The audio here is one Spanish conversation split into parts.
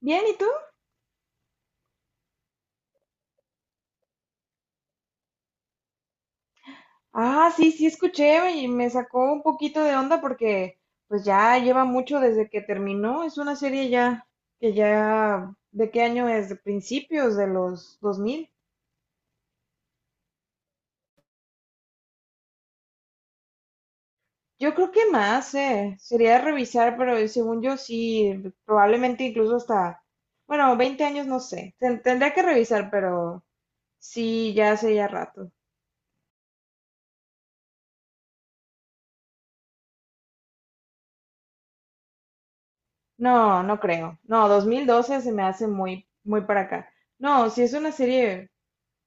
Bien, ¿y tú? Ah, sí, sí, escuché y me sacó un poquito de onda porque pues ya lleva mucho desde que terminó. Es una serie ya que ya, ¿de qué año es? De principios de los 2000. Yo creo que más. Sería revisar, pero según yo sí, probablemente incluso hasta, bueno, 20 años, no sé. Tendría que revisar, pero sí, ya hace ya rato. No, no creo. No, 2012 se me hace muy, muy para acá. No, si es una serie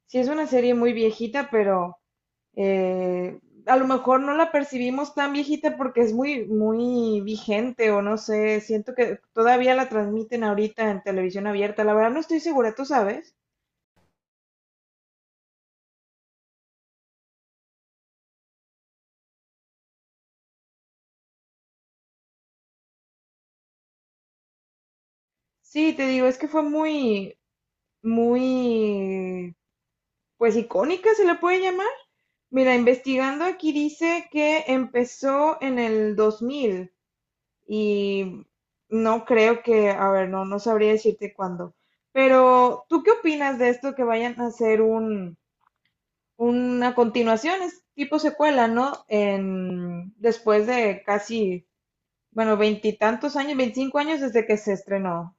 sí es una serie muy viejita, pero eh, a lo mejor no la percibimos tan viejita porque es muy, muy vigente o no sé, siento que todavía la transmiten ahorita en televisión abierta, la verdad no estoy segura, ¿tú sabes? Sí, te digo, es que fue muy, muy, pues icónica se le puede llamar. Mira, investigando aquí dice que empezó en el 2000. Y no creo que, a ver, no, no sabría decirte cuándo. Pero, ¿tú qué opinas de esto que vayan a hacer una continuación, es tipo secuela, ¿no? Después de casi, bueno, veintitantos años, 25 años desde que se estrenó?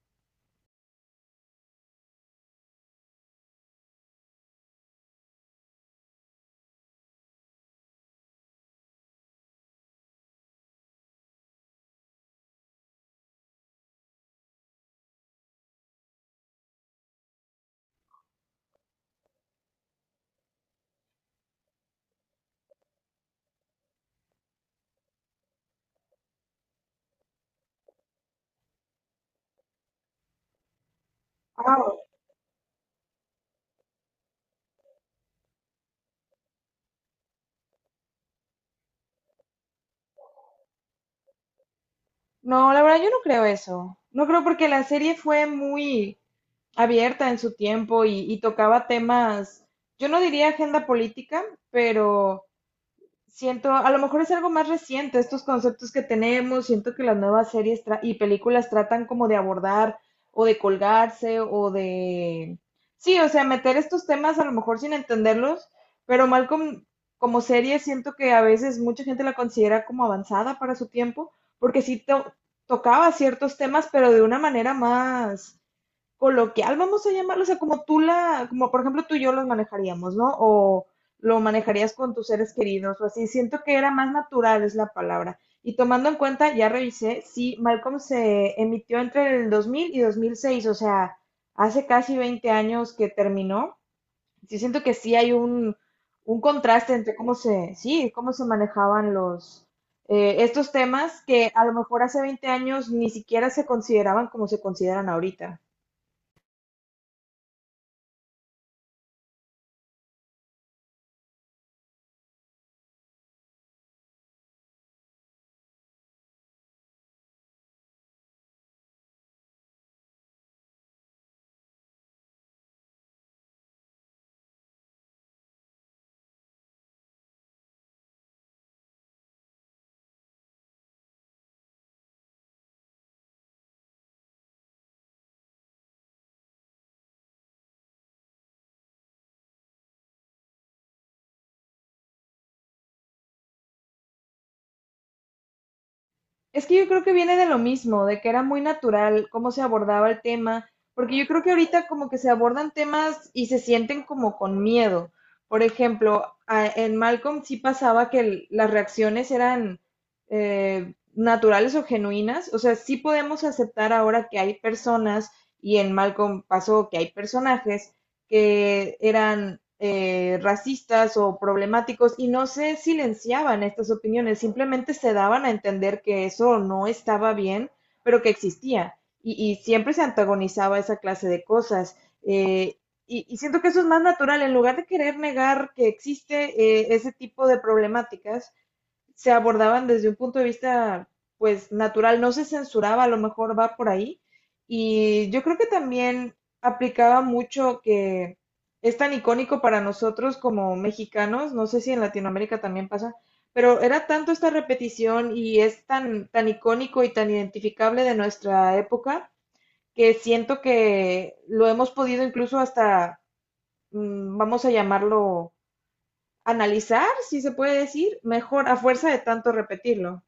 Ah. No, la verdad yo no creo eso. No creo porque la serie fue muy abierta en su tiempo y tocaba temas, yo no diría agenda política, pero siento, a lo mejor es algo más reciente, estos conceptos que tenemos, siento que las nuevas series y películas tratan como de abordar o de colgarse o de. Sí, o sea, meter estos temas a lo mejor sin entenderlos, pero Malcolm como serie siento que a veces mucha gente la considera como avanzada para su tiempo, porque sí tocaba ciertos temas, pero de una manera más coloquial, vamos a llamarlo, o sea, como por ejemplo tú y yo los manejaríamos, ¿no? O lo manejarías con tus seres queridos o así. Siento que era más natural, es la palabra. Y tomando en cuenta, ya revisé, sí, Malcolm se emitió entre el 2000 y 2006, o sea, hace casi 20 años que terminó. Sí, siento que sí hay un contraste entre cómo se, sí, cómo se manejaban los, estos temas que a lo mejor hace 20 años ni siquiera se consideraban como se consideran ahorita. Es que yo creo que viene de lo mismo, de que era muy natural cómo se abordaba el tema, porque yo creo que ahorita como que se abordan temas y se sienten como con miedo. Por ejemplo, en Malcolm sí pasaba que las reacciones eran naturales o genuinas, o sea, sí podemos aceptar ahora que hay personas, y en Malcolm pasó que hay personajes que eran racistas o problemáticos y no se silenciaban estas opiniones, simplemente se daban a entender que eso no estaba bien, pero que existía. Y siempre se antagonizaba esa clase de cosas. Eh, siento que eso es más natural, en lugar de querer negar que existe ese tipo de problemáticas, se abordaban desde un punto de vista, pues, natural, no se censuraba, a lo mejor va por ahí. Y yo creo que también aplicaba mucho que es tan icónico para nosotros como mexicanos, no sé si en Latinoamérica también pasa, pero era tanto esta repetición y es tan, tan icónico y tan identificable de nuestra época que siento que lo hemos podido incluso hasta, vamos a llamarlo, analizar, si se puede decir, mejor a fuerza de tanto repetirlo.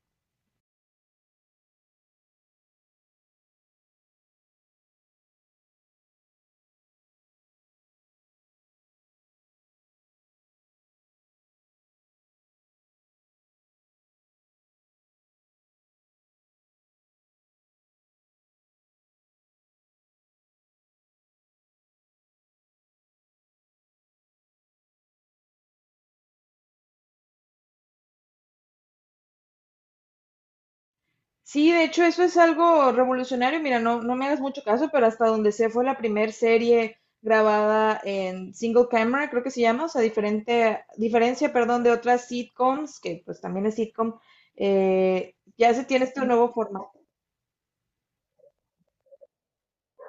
Sí, de hecho eso es algo revolucionario. Mira, no, no me hagas mucho caso, pero hasta donde sé fue la primera serie grabada en single camera, creo que se llama, o sea, diferente, diferencia, perdón, de otras sitcoms, que pues también es sitcom, ya se tiene este nuevo formato.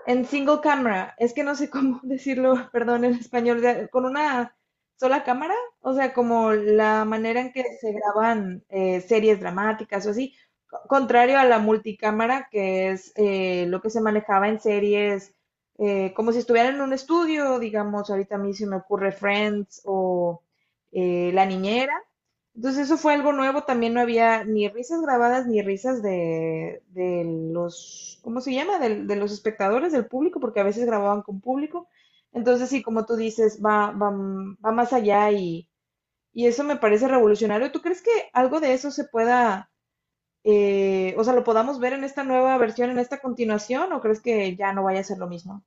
En single camera, es que no sé cómo decirlo, perdón, en español, con una sola cámara, o sea, como la manera en que se graban series dramáticas o así, contrario a la multicámara, que es lo que se manejaba en series, como si estuvieran en un estudio, digamos, ahorita a mí se me ocurre Friends o La Niñera, entonces eso fue algo nuevo, también no había ni risas grabadas ni risas de los, ¿cómo se llama? De los espectadores, del público, porque a veces grababan con público. Entonces sí, como tú dices, va más allá y eso me parece revolucionario. ¿Tú crees que algo de eso se pueda, o sea, lo podamos ver en esta nueva versión, en esta continuación, o crees que ya no vaya a ser lo mismo?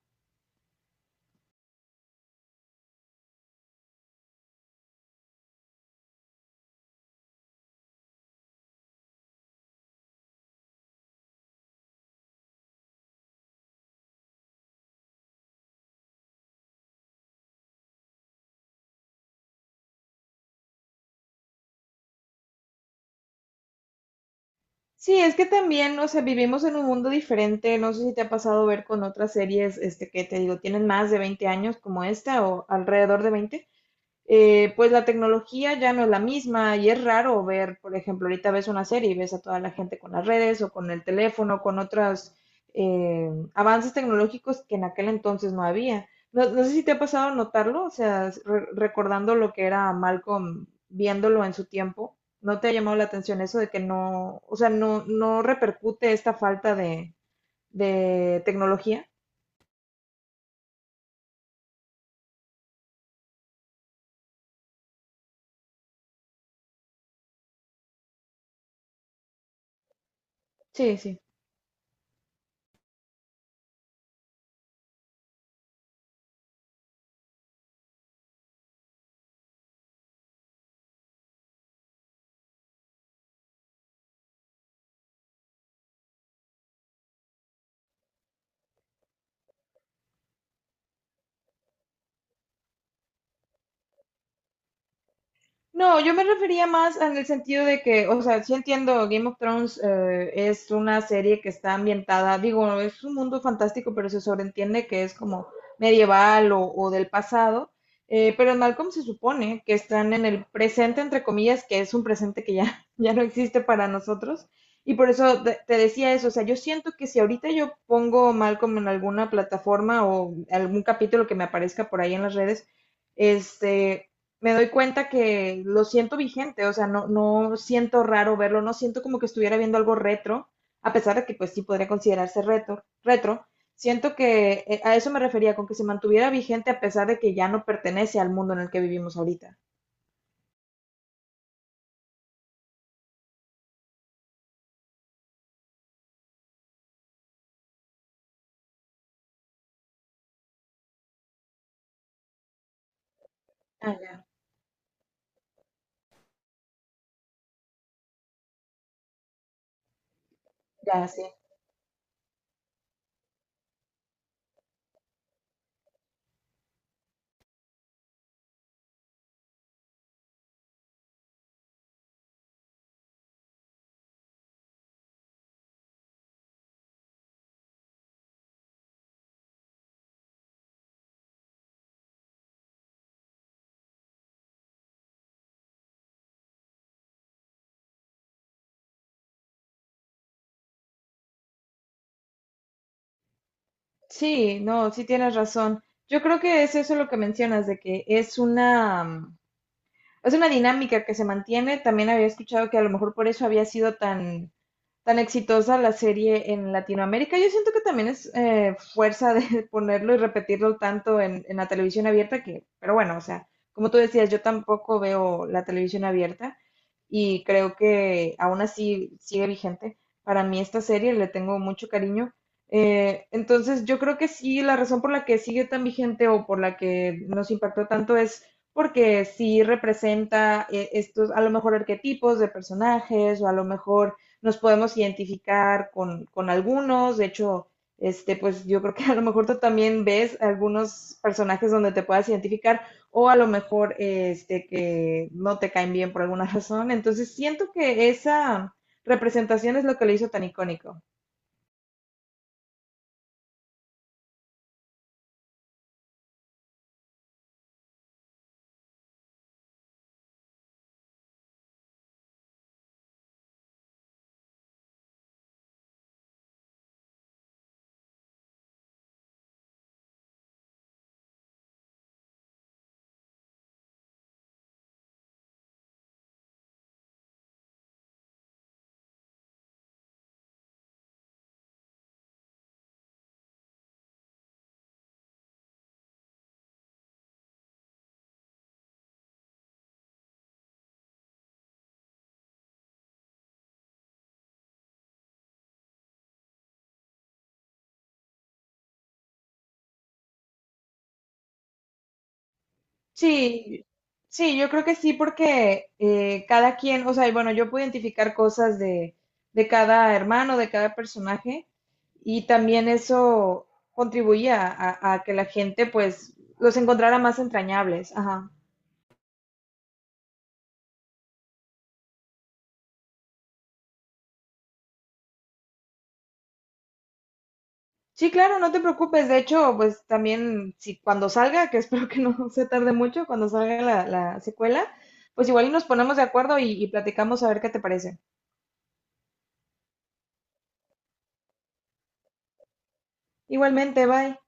Sí, es que también, o sea, vivimos en un mundo diferente. No sé si te ha pasado ver con otras series, que te digo, tienen más de 20 años como esta o alrededor de 20 pues la tecnología ya no es la misma y es raro ver, por ejemplo, ahorita ves una serie y ves a toda la gente con las redes o con el teléfono, con otros avances tecnológicos que en aquel entonces no había. No, no sé si te ha pasado notarlo, o sea, recordando lo que era Malcolm viéndolo en su tiempo, ¿no te ha llamado la atención eso de que no, o sea, no, no repercute esta falta de tecnología? Sí, sí. No, yo me refería más en el sentido de que, o sea, sí entiendo, Game of Thrones es una serie que está ambientada, digo, es un mundo fantástico, pero se sobreentiende que es como medieval o del pasado, pero en Malcolm se supone que están en el presente, entre comillas, que es un presente que ya, ya no existe para nosotros, y por eso te decía eso, o sea, yo siento que si ahorita yo pongo Malcolm en alguna plataforma o algún capítulo que me aparezca por ahí en las redes, este, me doy cuenta que lo siento vigente, o sea, no, no siento raro verlo, no siento como que estuviera viendo algo retro, a pesar de que pues sí podría considerarse retro, retro. Siento que a eso me refería, con que se mantuviera vigente a pesar de que ya no pertenece al mundo en el que vivimos ahorita. Ah, ya. Ya, sí. Sí, no, sí tienes razón. Yo creo que es eso lo que mencionas, de que es una dinámica que se mantiene. También había escuchado que a lo mejor por eso había sido tan, tan exitosa la serie en Latinoamérica. Yo siento que también es fuerza de ponerlo y repetirlo tanto en la televisión abierta que, pero bueno, o sea, como tú decías, yo tampoco veo la televisión abierta y creo que aún así sigue vigente. Para mí esta serie le tengo mucho cariño. Entonces yo creo que sí, la razón por la que sigue tan vigente o por la que nos impactó tanto es porque sí representa estos, a lo mejor, arquetipos de personajes, o a lo mejor nos podemos identificar con algunos, de hecho, pues yo creo que a lo mejor tú también ves algunos personajes donde te puedas identificar o a lo mejor que no te caen bien por alguna razón. Entonces siento que esa representación es lo que lo hizo tan icónico. Sí, sí, yo creo que sí, porque cada quien, o sea, y bueno, yo puedo identificar cosas de cada hermano, de cada personaje, y también eso contribuía a que la gente, pues, los encontrara más entrañables. Ajá. Sí, claro, no te preocupes. De hecho, pues también, si cuando salga, que espero que no se tarde mucho, cuando salga la secuela, pues igual y nos ponemos de acuerdo y platicamos a ver qué te parece. Igualmente, bye.